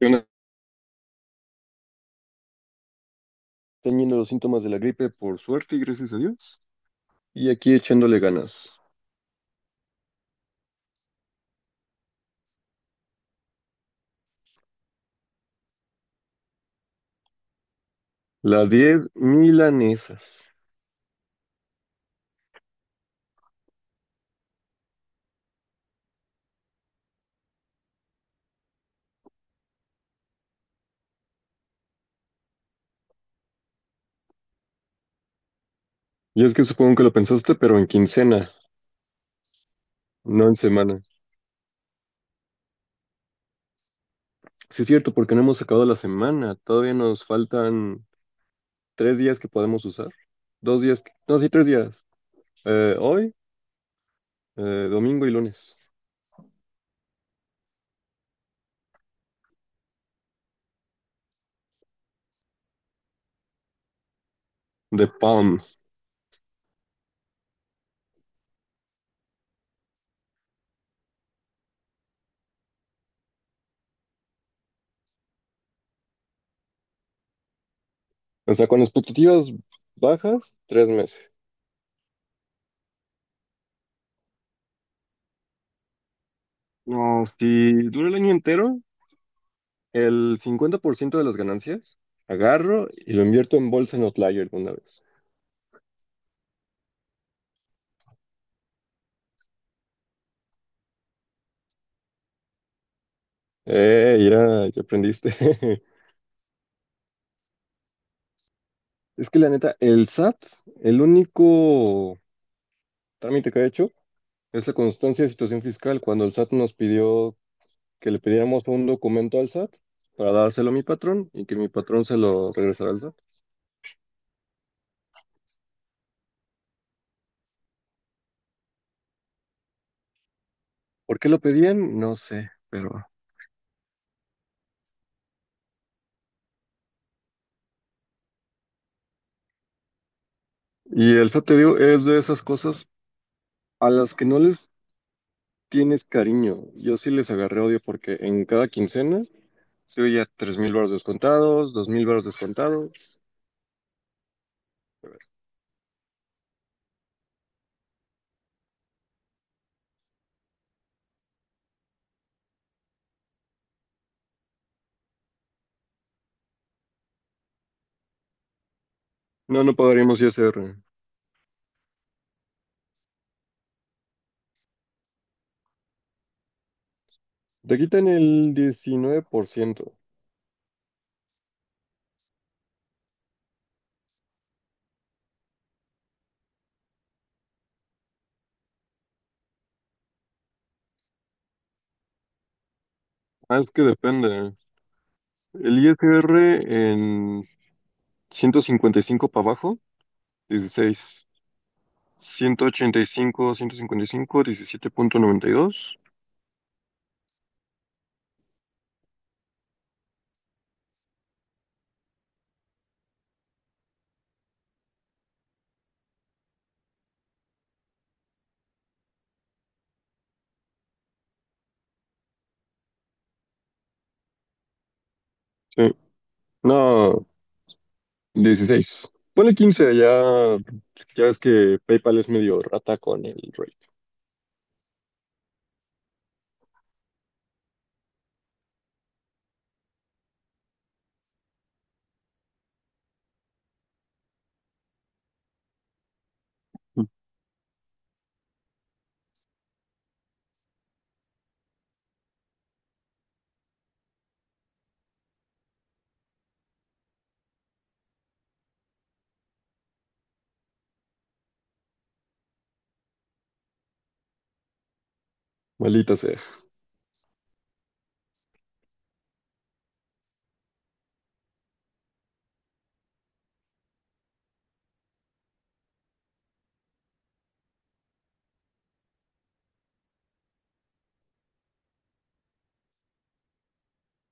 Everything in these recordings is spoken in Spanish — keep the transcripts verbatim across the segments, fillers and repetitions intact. Están yendo los síntomas de la gripe por suerte y gracias a Dios. Y aquí echándole ganas. Las diez milanesas. Y es que supongo que lo pensaste, pero en quincena, no en semana. Sí es cierto, porque no hemos acabado la semana. Todavía nos faltan tres días que podemos usar. Dos días, que- no, sí, tres días. Eh, hoy, eh, domingo y lunes. De PAM. O sea, con expectativas bajas, tres meses. No, si dura el año entero, el cincuenta por ciento de las ganancias agarro y lo invierto en bolsa en Outlier una vez. Eh, mira, ya aprendiste. Es que la neta, el SAT, el único trámite que ha hecho es la constancia de situación fiscal. Cuando el SAT nos pidió que le pidiéramos un documento al SAT para dárselo a mi patrón y que mi patrón se lo regresara al SAT. ¿Por qué lo pedían? No sé, pero... Y el SAT, te digo, es de esas cosas a las que no les tienes cariño. Yo sí les agarré odio porque en cada quincena estoy ya tres mil baros descontados, dos mil baros descontados. No, no pagaríamos I S R. Te quitan el diecinueve por ciento. Ah, es que depende. El I S R en ciento cincuenta y cinco para abajo, dieciséis, ciento ciento ochenta y y cinco cinco cincuenta dieciséis. ciento ochenta y cinco, ciento cincuenta y cinco, diecisiete punto noventa y dos. Sí. No, dieciséis. Ponle quince ya, ya ves que PayPal es medio rata con el rate. Maldita sea.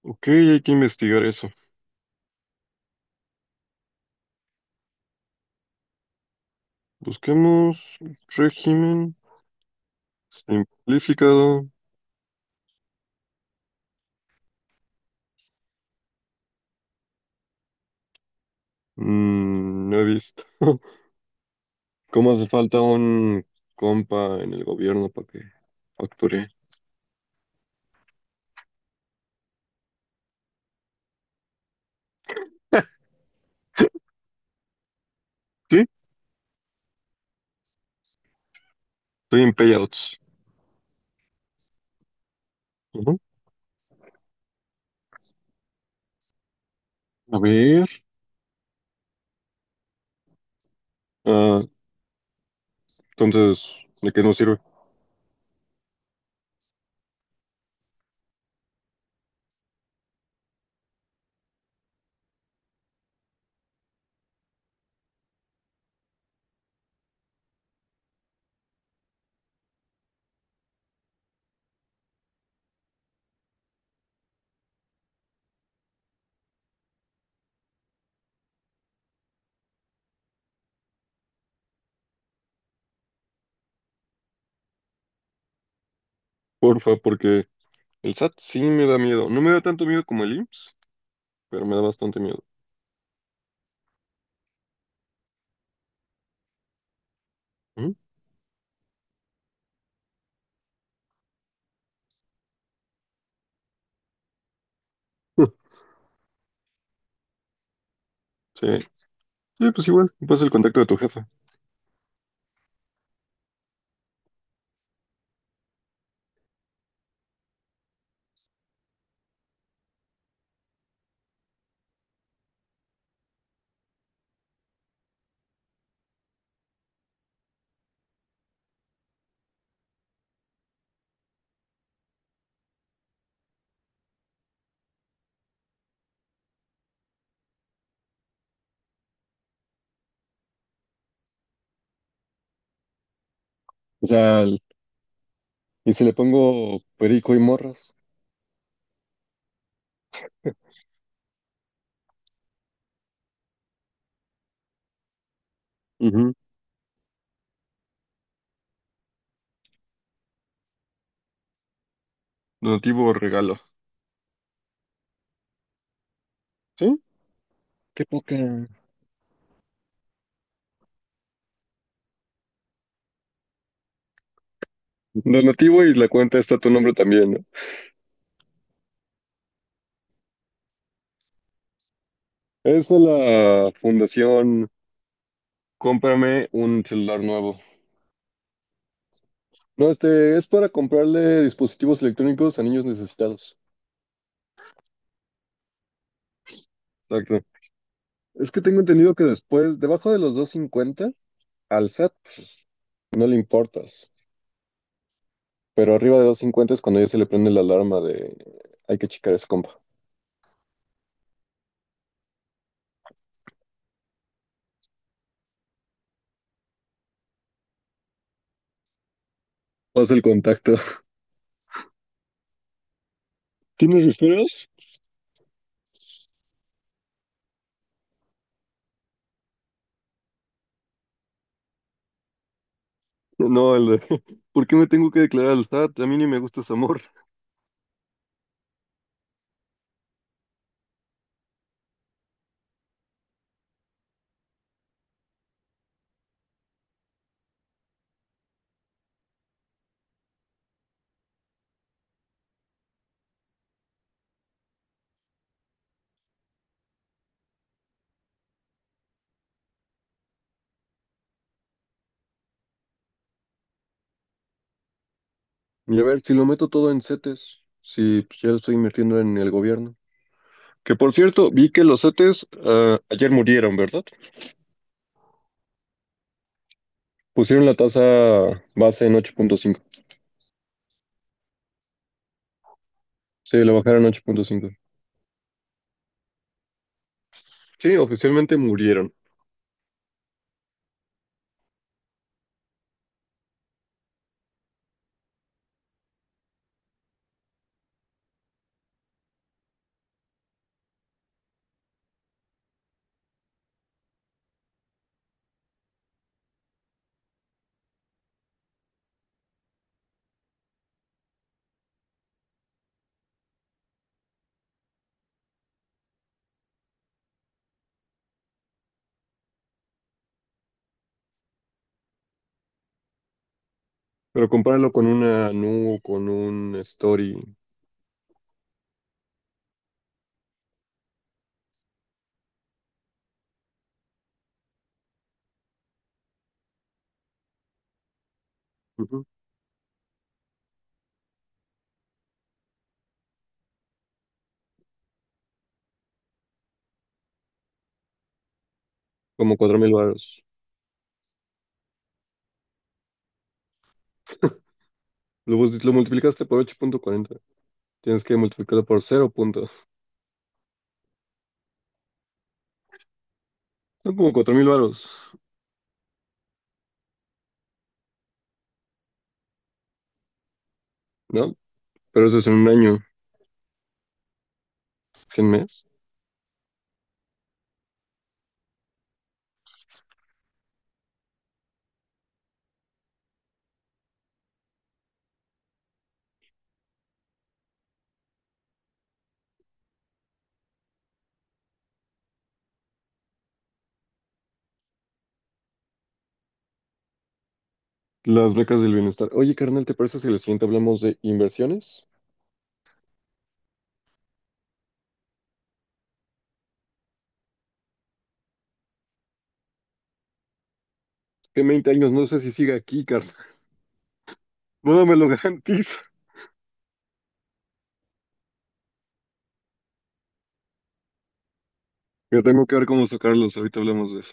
Ok, hay que investigar eso. Busquemos régimen Simplificado, mm, no he visto. ¿Cómo hace falta un compa en el gobierno para que facture? Sí, estoy en payouts. Ujú. A ver, ah, entonces, ¿de qué nos sirve? Porfa, porque el SAT sí me da miedo. No me da tanto miedo como el IMSS, pero me da bastante miedo. Ujú. Sí, sí, pues igual, me pasa el contacto de tu jefa. O sea, el- y si le pongo perico y morras. Ujú. Donativo o regalo. ¿Sí? Qué poca. Donativo y la cuenta está a tu nombre también, ¿no? Es de la fundación Cómprame un celular nuevo. No, este es para comprarle dispositivos electrónicos a niños necesitados. Exacto. Es que tengo entendido que después, debajo de los doscientos cincuenta, al SAT pues, no le importas. Pero arriba de doscientos cincuenta es cuando ya se le prende la alarma de hay que checar ese compa. Haz el contacto. ¿Tienes refereos? No, el de ¿por qué me tengo que declarar al SAT? A mí ni me gusta ese amor. Y a ver, si lo meto todo en CETES, si pues, ya lo estoy invirtiendo en el gobierno. Que por cierto, vi que los CETES ah, ayer murieron, ¿verdad? Pusieron la tasa base en ocho punto cinco. Sí, la bajaron a ocho punto cinco. Sí, oficialmente murieron. Pero compáralo con una Nu, con un Story, ujú, como cuatro mil varos. Lo, bus- lo multiplicaste por ocho punto cuarenta. Tienes que multiplicarlo por cero punto. Son como cuatro mil varos, ¿no? Pero eso es en un año, cien meses. Las becas del bienestar. Oye, carnal, ¿te parece si la siguiente hablamos de inversiones? Que en veinte años no sé si siga aquí, carnal. No me lo garantizo. Yo tengo que ver cómo sacarlos. Ahorita hablamos de eso.